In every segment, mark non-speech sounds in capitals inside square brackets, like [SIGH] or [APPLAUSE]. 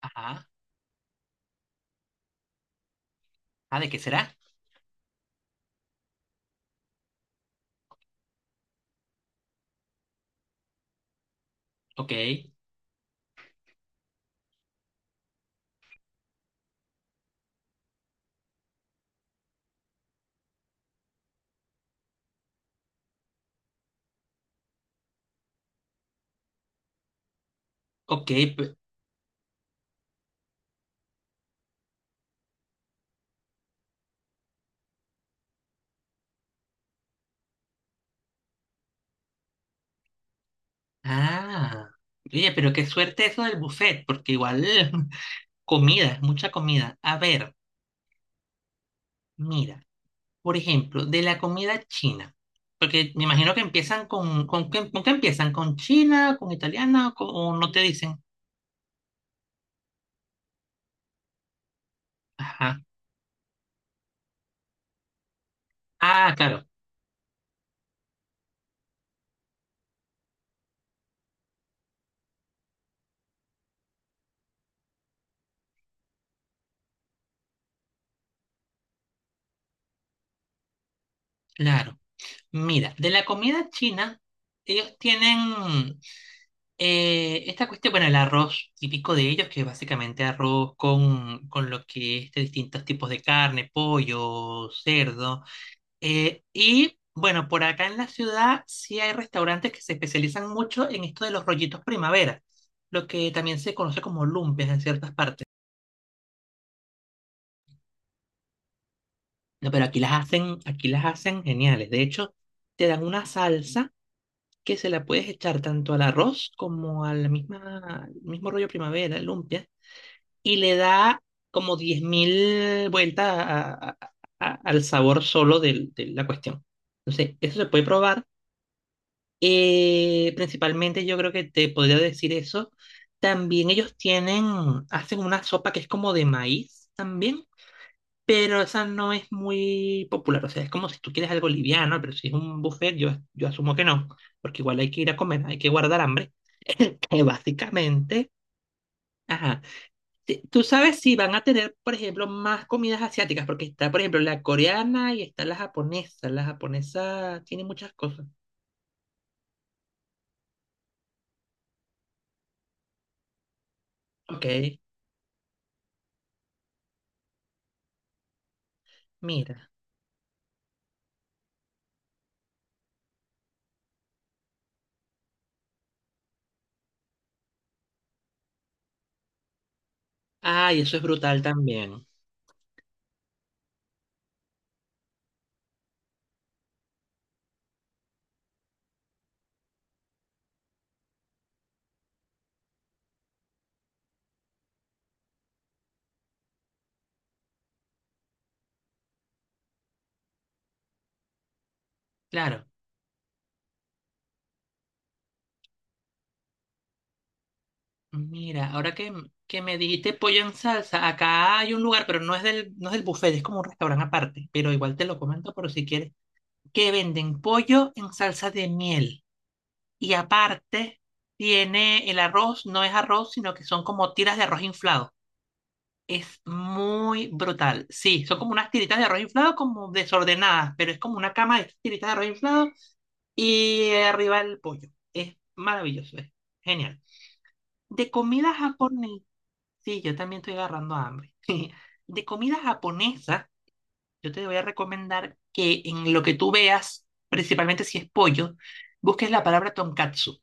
Ajá. Ah, ¿de qué será? Ok, ok. pe- Ah, oye, pero qué suerte eso del buffet, porque igual [LAUGHS] comida, mucha comida. A ver, mira, por ejemplo, de la comida china, porque me imagino que empiezan con qué empiezan? ¿Con china, con italiana o o no te dicen? Ajá. Ah, claro, claro. Mira, de la comida china, ellos tienen esta cuestión, bueno, el arroz típico de ellos, que es básicamente arroz con lo que es de distintos tipos de carne, pollo, cerdo. Y bueno, por acá en la ciudad sí hay restaurantes que se especializan mucho en esto de los rollitos primavera, lo que también se conoce como lumpes en ciertas partes. No, pero aquí las hacen geniales. De hecho, te dan una salsa que se la puedes echar tanto al arroz como al misma, al mismo rollo primavera, lumpia y le da como 10.000 vueltas al sabor solo de la cuestión. Entonces, eso se puede probar. Principalmente yo creo que te podría decir eso. También ellos tienen, hacen una sopa que es como de maíz también, pero esa no es muy popular. O sea, es como si tú quieres algo liviano, pero si es un buffet, yo asumo que no, porque igual hay que ir a comer, hay que guardar hambre. Que básicamente... Ajá. Tú sabes si van a tener, por ejemplo, más comidas asiáticas, porque está, por ejemplo, la coreana y está la japonesa. La japonesa tiene muchas cosas. Ok, mira. Ay, eso es brutal también. Claro. Mira, que me dijiste pollo en salsa, acá hay un lugar, pero no es del, no es del buffet, es como un restaurante aparte, pero igual te lo comento por si quieres, que venden pollo en salsa de miel. Y aparte, tiene el arroz, no es arroz, sino que son como tiras de arroz inflado. Es muy brutal. Sí, son como unas tiritas de arroz inflado, como desordenadas, pero es como una cama de tiritas de arroz inflado y arriba el pollo. Es maravilloso, es genial. De comida japonesa, sí, yo también estoy agarrando hambre. [LAUGHS] De comida japonesa, yo te voy a recomendar que en lo que tú veas, principalmente si es pollo, busques la palabra tonkatsu,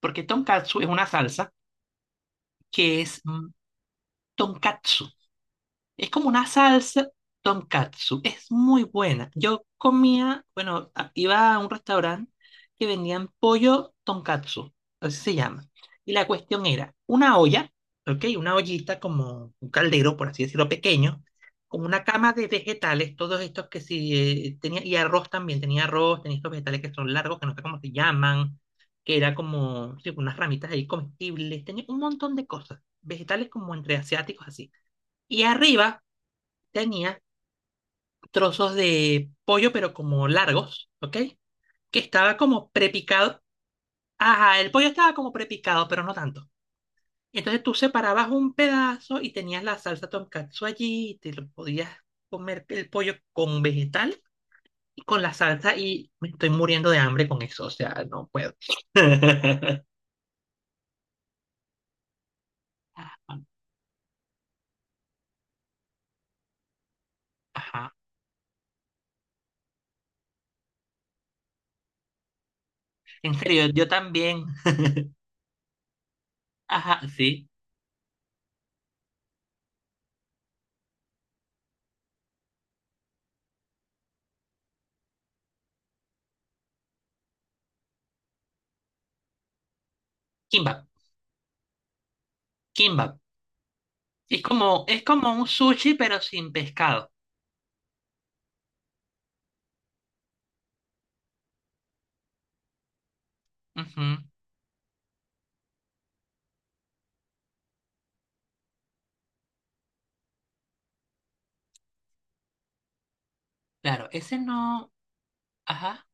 porque tonkatsu es una salsa que es tonkatsu. Es como una salsa tonkatsu. Es muy buena. Yo comía, bueno, iba a un restaurante que vendían pollo tonkatsu. Así se llama. Y la cuestión era una olla, ¿ok? Una ollita como un caldero, por así decirlo, pequeño, con una cama de vegetales, todos estos que sí tenía, y arroz también, tenía arroz, tenía estos vegetales que son largos, que no sé cómo se llaman, que era como sí, unas ramitas ahí comestibles, tenía un montón de cosas, vegetales como entre asiáticos así. Y arriba tenía trozos de pollo, pero como largos, ¿ok? Que estaba como prepicado. Ajá, el pollo estaba como prepicado, pero no tanto. Entonces tú separabas un pedazo y tenías la salsa tonkatsu allí y te lo podías comer el pollo con vegetal y con la salsa y me estoy muriendo de hambre con eso, o sea, no puedo. [LAUGHS] Ajá. En serio, yo también. Ajá, sí. Kimbap, kimbap. Es como un sushi, pero sin pescado. Ujú. Claro, ese no. Ajá,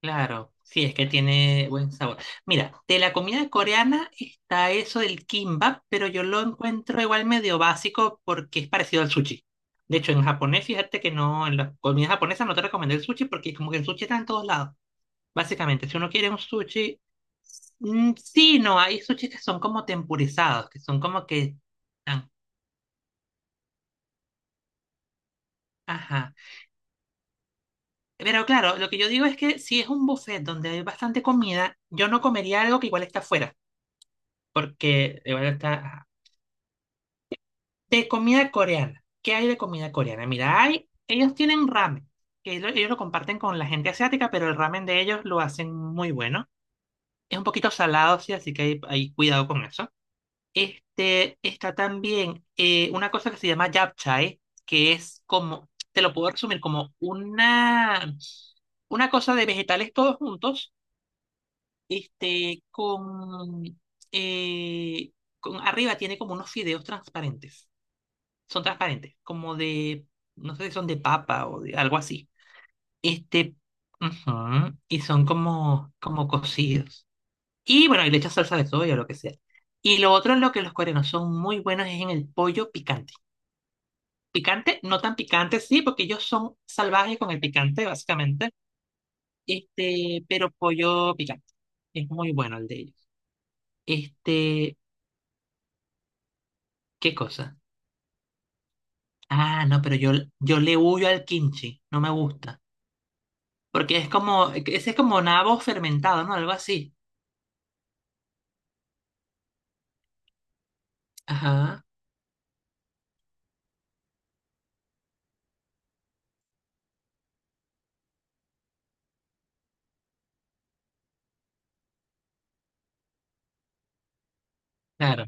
claro. Sí, es que tiene buen sabor. Mira, de la comida coreana está eso del kimbap, pero yo lo encuentro igual medio básico porque es parecido al sushi. De hecho, en japonés, fíjate que no, en la comida japonesa no te recomendé el sushi porque como que el sushi está en todos lados. Básicamente, si uno quiere un sushi, sí, no, hay sushi que son como tempurizados, que son como que están, ajá. Pero claro, lo que yo digo es que si es un buffet donde hay bastante comida, yo no comería algo que igual está afuera, porque igual está de comida coreana. ¿Qué hay de comida coreana? Mira, hay, ellos tienen ramen, que ellos lo comparten con la gente asiática, pero el ramen de ellos lo hacen muy bueno. Es un poquito salado, sí, así que hay cuidado con eso. Este, está también una cosa que se llama japchae, que es como, te lo puedo resumir como una cosa de vegetales todos juntos este, con, eh, con arriba tiene como unos fideos transparentes. Son transparentes, como de, no sé si son de papa o de algo así. Este, ujú, y son como, como cocidos. Y bueno, y le echas salsa de soya o lo que sea. Y lo otro en lo que los coreanos son muy buenos es en el pollo picante. Picante, no tan picante, sí, porque ellos son salvajes con el picante, básicamente. Este, pero pollo picante. Es muy bueno el de ellos. Este, ¿qué cosa? Ah, no, pero yo le huyo al kimchi, no me gusta. Porque es como, ese es como nabo fermentado, ¿no? Algo así. Ajá, claro.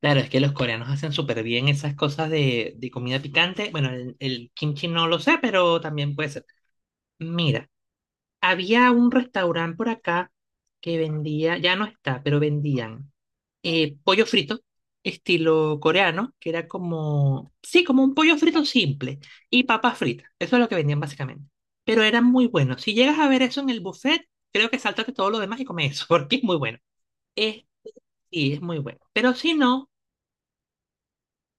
Claro, es que los coreanos hacen súper bien esas cosas de comida picante. Bueno, el kimchi no lo sé, pero también puede ser. Mira, había un restaurante por acá que vendía, ya no está, pero vendían. Pollo frito, estilo coreano, que era como, sí, como un pollo frito simple, y papas fritas. Eso es lo que vendían básicamente. Pero eran muy buenos. Si llegas a ver eso en el buffet, creo que sáltate todo lo demás y come eso, [LAUGHS] porque es muy bueno. Es, sí, es muy bueno. Pero si no,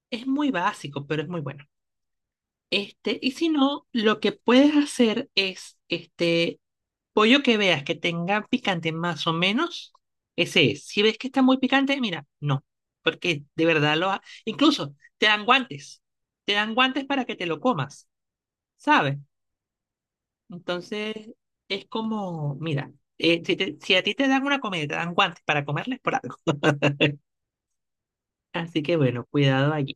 es muy básico, pero es muy bueno. Este, y si no, lo que puedes hacer es este, pollo que veas que tenga picante más o menos, ese es. Si ves que está muy picante, mira, no, porque de verdad lo ha... Incluso te dan guantes para que te lo comas, ¿sabes? Entonces es como, mira, si, si a ti te dan una comida, y te dan guantes para comerles por algo. [LAUGHS] Así que bueno, cuidado allí.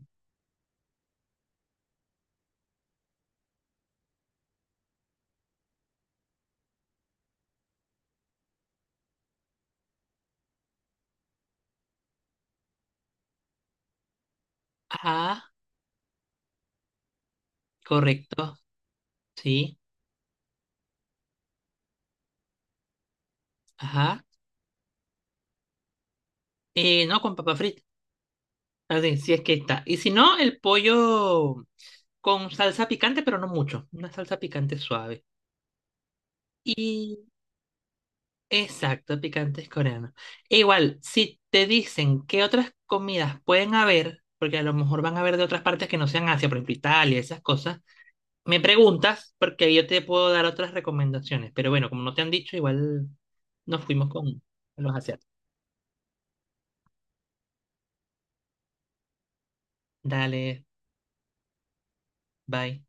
Ajá, correcto, sí, ajá. No con papa frita, así, si es que está. Y si no, el pollo con salsa picante, pero no mucho, una salsa picante suave. Y exacto, picantes coreanos. E igual, si te dicen qué otras comidas pueden haber, porque a lo mejor van a haber de otras partes que no sean Asia, por ejemplo, Italia, esas cosas, me preguntas porque yo te puedo dar otras recomendaciones. Pero bueno, como no te han dicho, igual nos fuimos con los asiáticos. Dale, bye.